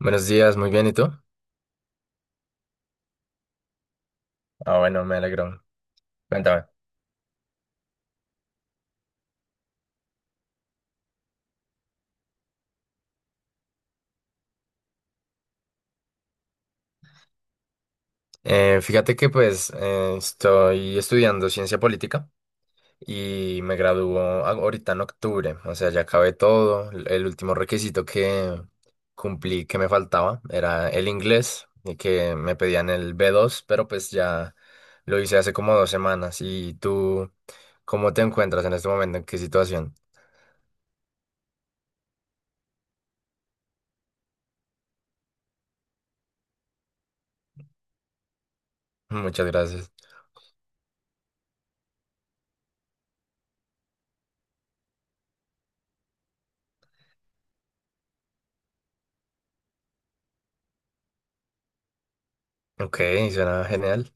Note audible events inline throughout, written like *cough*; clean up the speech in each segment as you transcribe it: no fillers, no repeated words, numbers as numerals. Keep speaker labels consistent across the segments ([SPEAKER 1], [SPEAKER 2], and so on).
[SPEAKER 1] Buenos días, muy bien, ¿y tú? Ah, bueno, me alegro. Cuéntame. Fíjate que pues estoy estudiando ciencia política y me gradúo ahorita en octubre, o sea, ya acabé todo. El último requisito que cumplí que me faltaba era el inglés, y que me pedían el B2, pero pues ya lo hice hace como 2 semanas. ¿Y tú cómo te encuentras en este momento? ¿En qué situación? Muchas gracias. Ok, suena genial.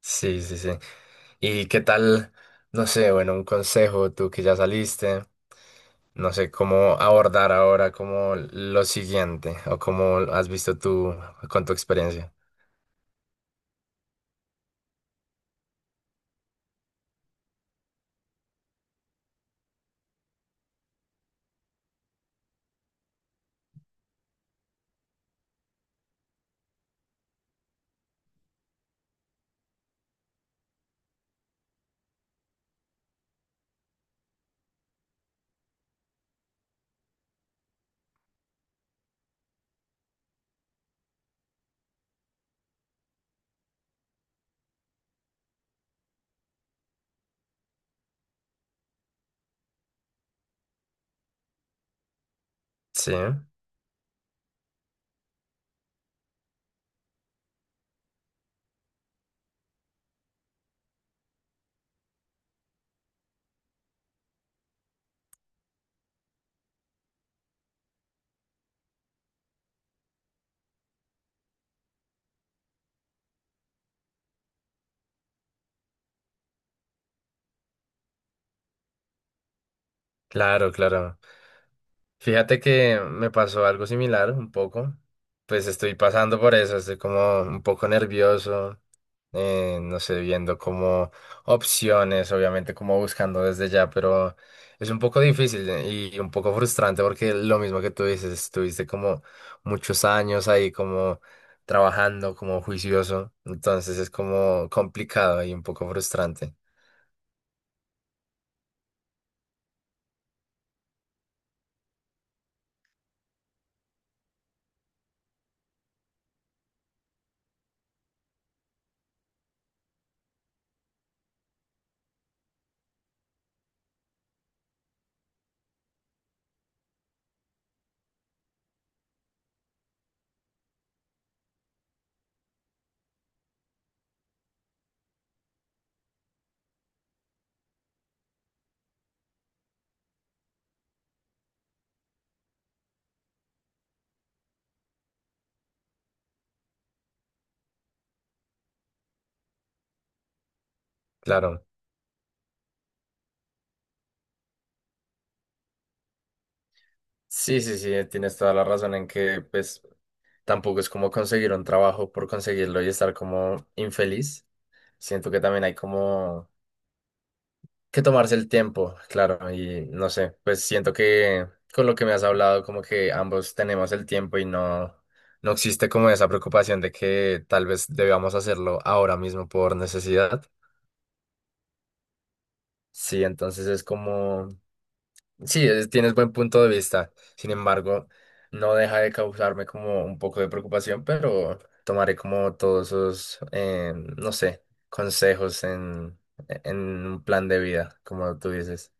[SPEAKER 1] Sí, sí, sí. ¿Y qué tal? No sé, bueno, un consejo, tú que ya saliste, no sé cómo abordar ahora como lo siguiente o cómo has visto tú con tu experiencia. Sí, claro, claro. Fíjate que me pasó algo similar, un poco. Pues estoy pasando por eso, estoy como un poco nervioso, no sé, viendo como opciones, obviamente como buscando desde ya, pero es un poco difícil, y un poco frustrante porque lo mismo que tú dices, estuviste como muchos años ahí como trabajando, como juicioso, entonces es como complicado y un poco frustrante. Claro. Sí, sí, sí, tienes toda la razón en que pues tampoco es como conseguir un trabajo por conseguirlo y estar como infeliz. Siento que también hay como que tomarse el tiempo, claro, y no sé, pues siento que con lo que me has hablado, como que ambos tenemos el tiempo y no, no existe como esa preocupación de que tal vez debamos hacerlo ahora mismo por necesidad. Sí, entonces es como, sí, tienes buen punto de vista. Sin embargo, no deja de causarme como un poco de preocupación, pero tomaré como todos esos, no sé, consejos en un plan de vida, como tú dices.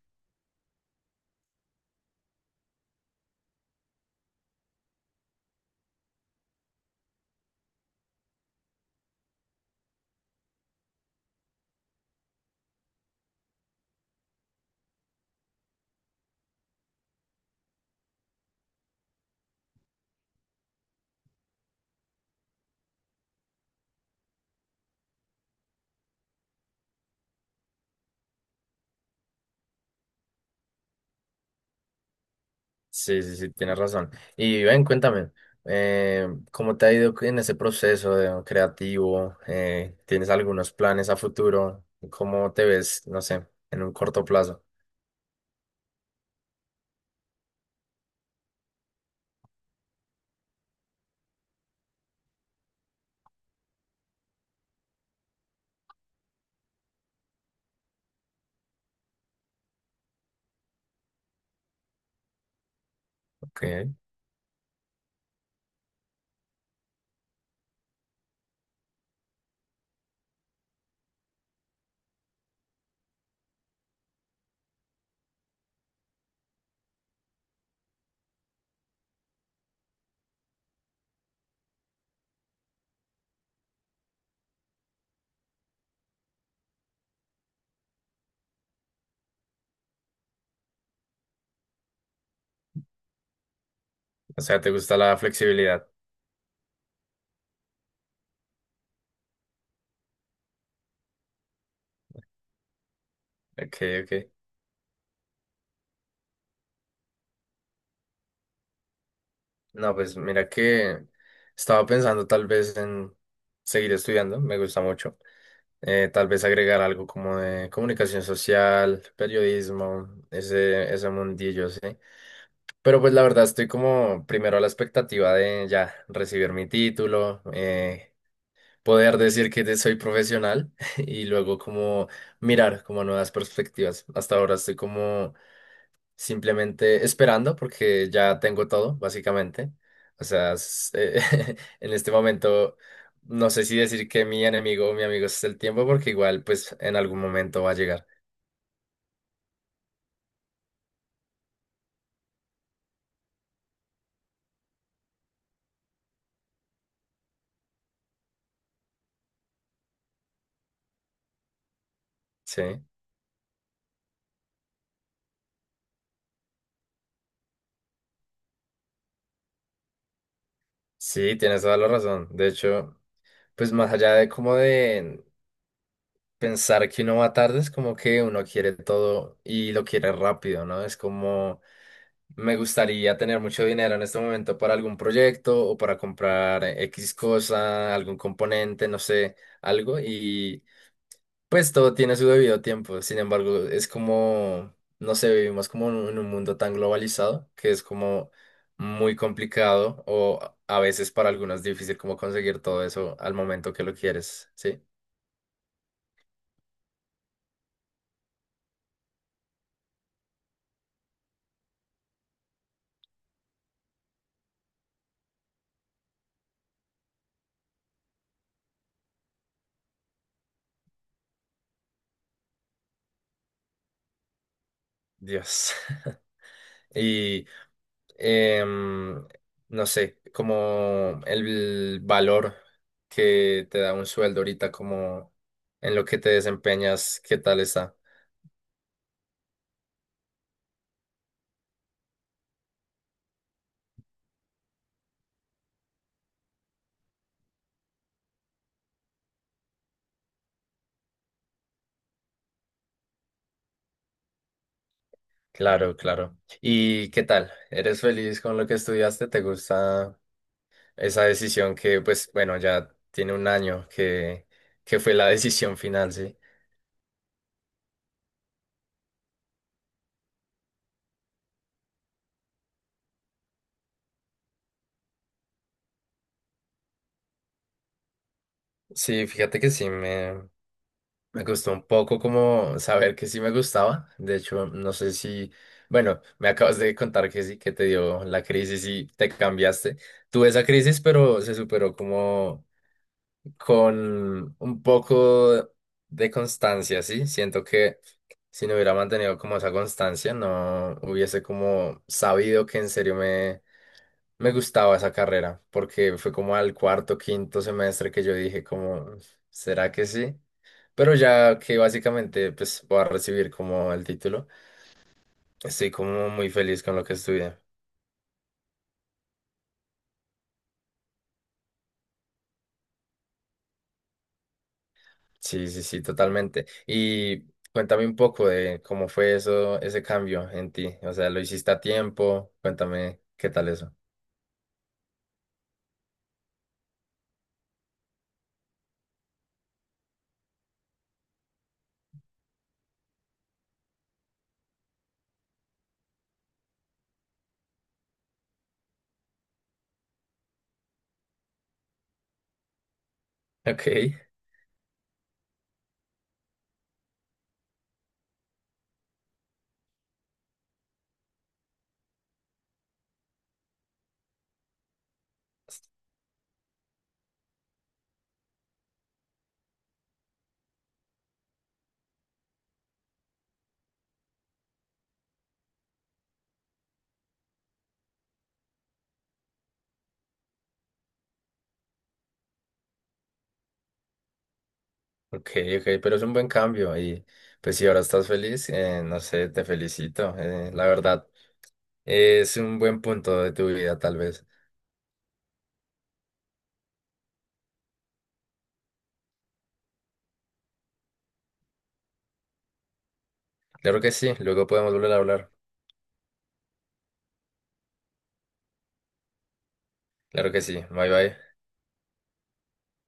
[SPEAKER 1] Sí, sí, sí, tienes razón. Y ven, cuéntame, ¿cómo te ha ido en ese proceso creativo? ¿Tienes algunos planes a futuro? ¿Cómo te ves, no sé, en un corto plazo? Okay. O sea, ¿te gusta la flexibilidad? Ok, ok. No, pues mira que estaba pensando tal vez en seguir estudiando, me gusta mucho. Tal vez agregar algo como de comunicación social, periodismo, ese mundillo, sí. Pero pues la verdad estoy como primero a la expectativa de ya recibir mi título, poder decir que soy profesional *laughs* y luego como mirar como nuevas perspectivas. Hasta ahora estoy como simplemente esperando porque ya tengo todo, básicamente. O sea, *laughs* en este momento no sé si decir que mi enemigo o mi amigo es el tiempo porque igual pues en algún momento va a llegar. Sí, sí, tienes toda la razón. De hecho, pues más allá de como de pensar que uno va tarde es como que uno quiere todo y lo quiere rápido, ¿no? Es como me gustaría tener mucho dinero en este momento para algún proyecto o para comprar X cosa, algún componente, no sé, algo y pues todo tiene su debido tiempo. Sin embargo, es como, no sé, vivimos como en un mundo tan globalizado que es como muy complicado o a veces para algunos difícil como conseguir todo eso al momento que lo quieres, ¿sí? Dios. *laughs* Y em, no sé, como el valor que te da un sueldo ahorita, como en lo que te desempeñas, ¿qué tal está? Claro, claro. ¿Y qué tal? ¿Eres feliz con lo que estudiaste? ¿Te gusta esa decisión que, pues, bueno, ya tiene un año que fue la *laughs* decisión final, sí? Sí, fíjate que sí, Me costó un poco como saber que sí me gustaba. De hecho, no sé si, bueno, me acabas de contar que sí, que te dio la crisis y te cambiaste. Tuve esa crisis, pero se superó como con un poco de constancia, ¿sí? Siento que si no hubiera mantenido como esa constancia, no hubiese como sabido que en serio me gustaba esa carrera porque fue como al cuarto, quinto semestre que yo dije como, ¿será que sí? Pero ya que básicamente pues voy a recibir como el título, estoy como muy feliz con lo que estudié. Sí, sí, sí, totalmente. Y cuéntame un poco de cómo fue eso, ese cambio en ti. O sea, ¿lo hiciste a tiempo? Cuéntame qué tal eso. *laughs* Ok, ok, ok, pero es un buen cambio y pues si ahora estás feliz, no sé, te felicito. La verdad. Es un buen punto de tu vida, tal vez. Claro que sí, luego podemos volver a hablar. Claro que sí, bye bye.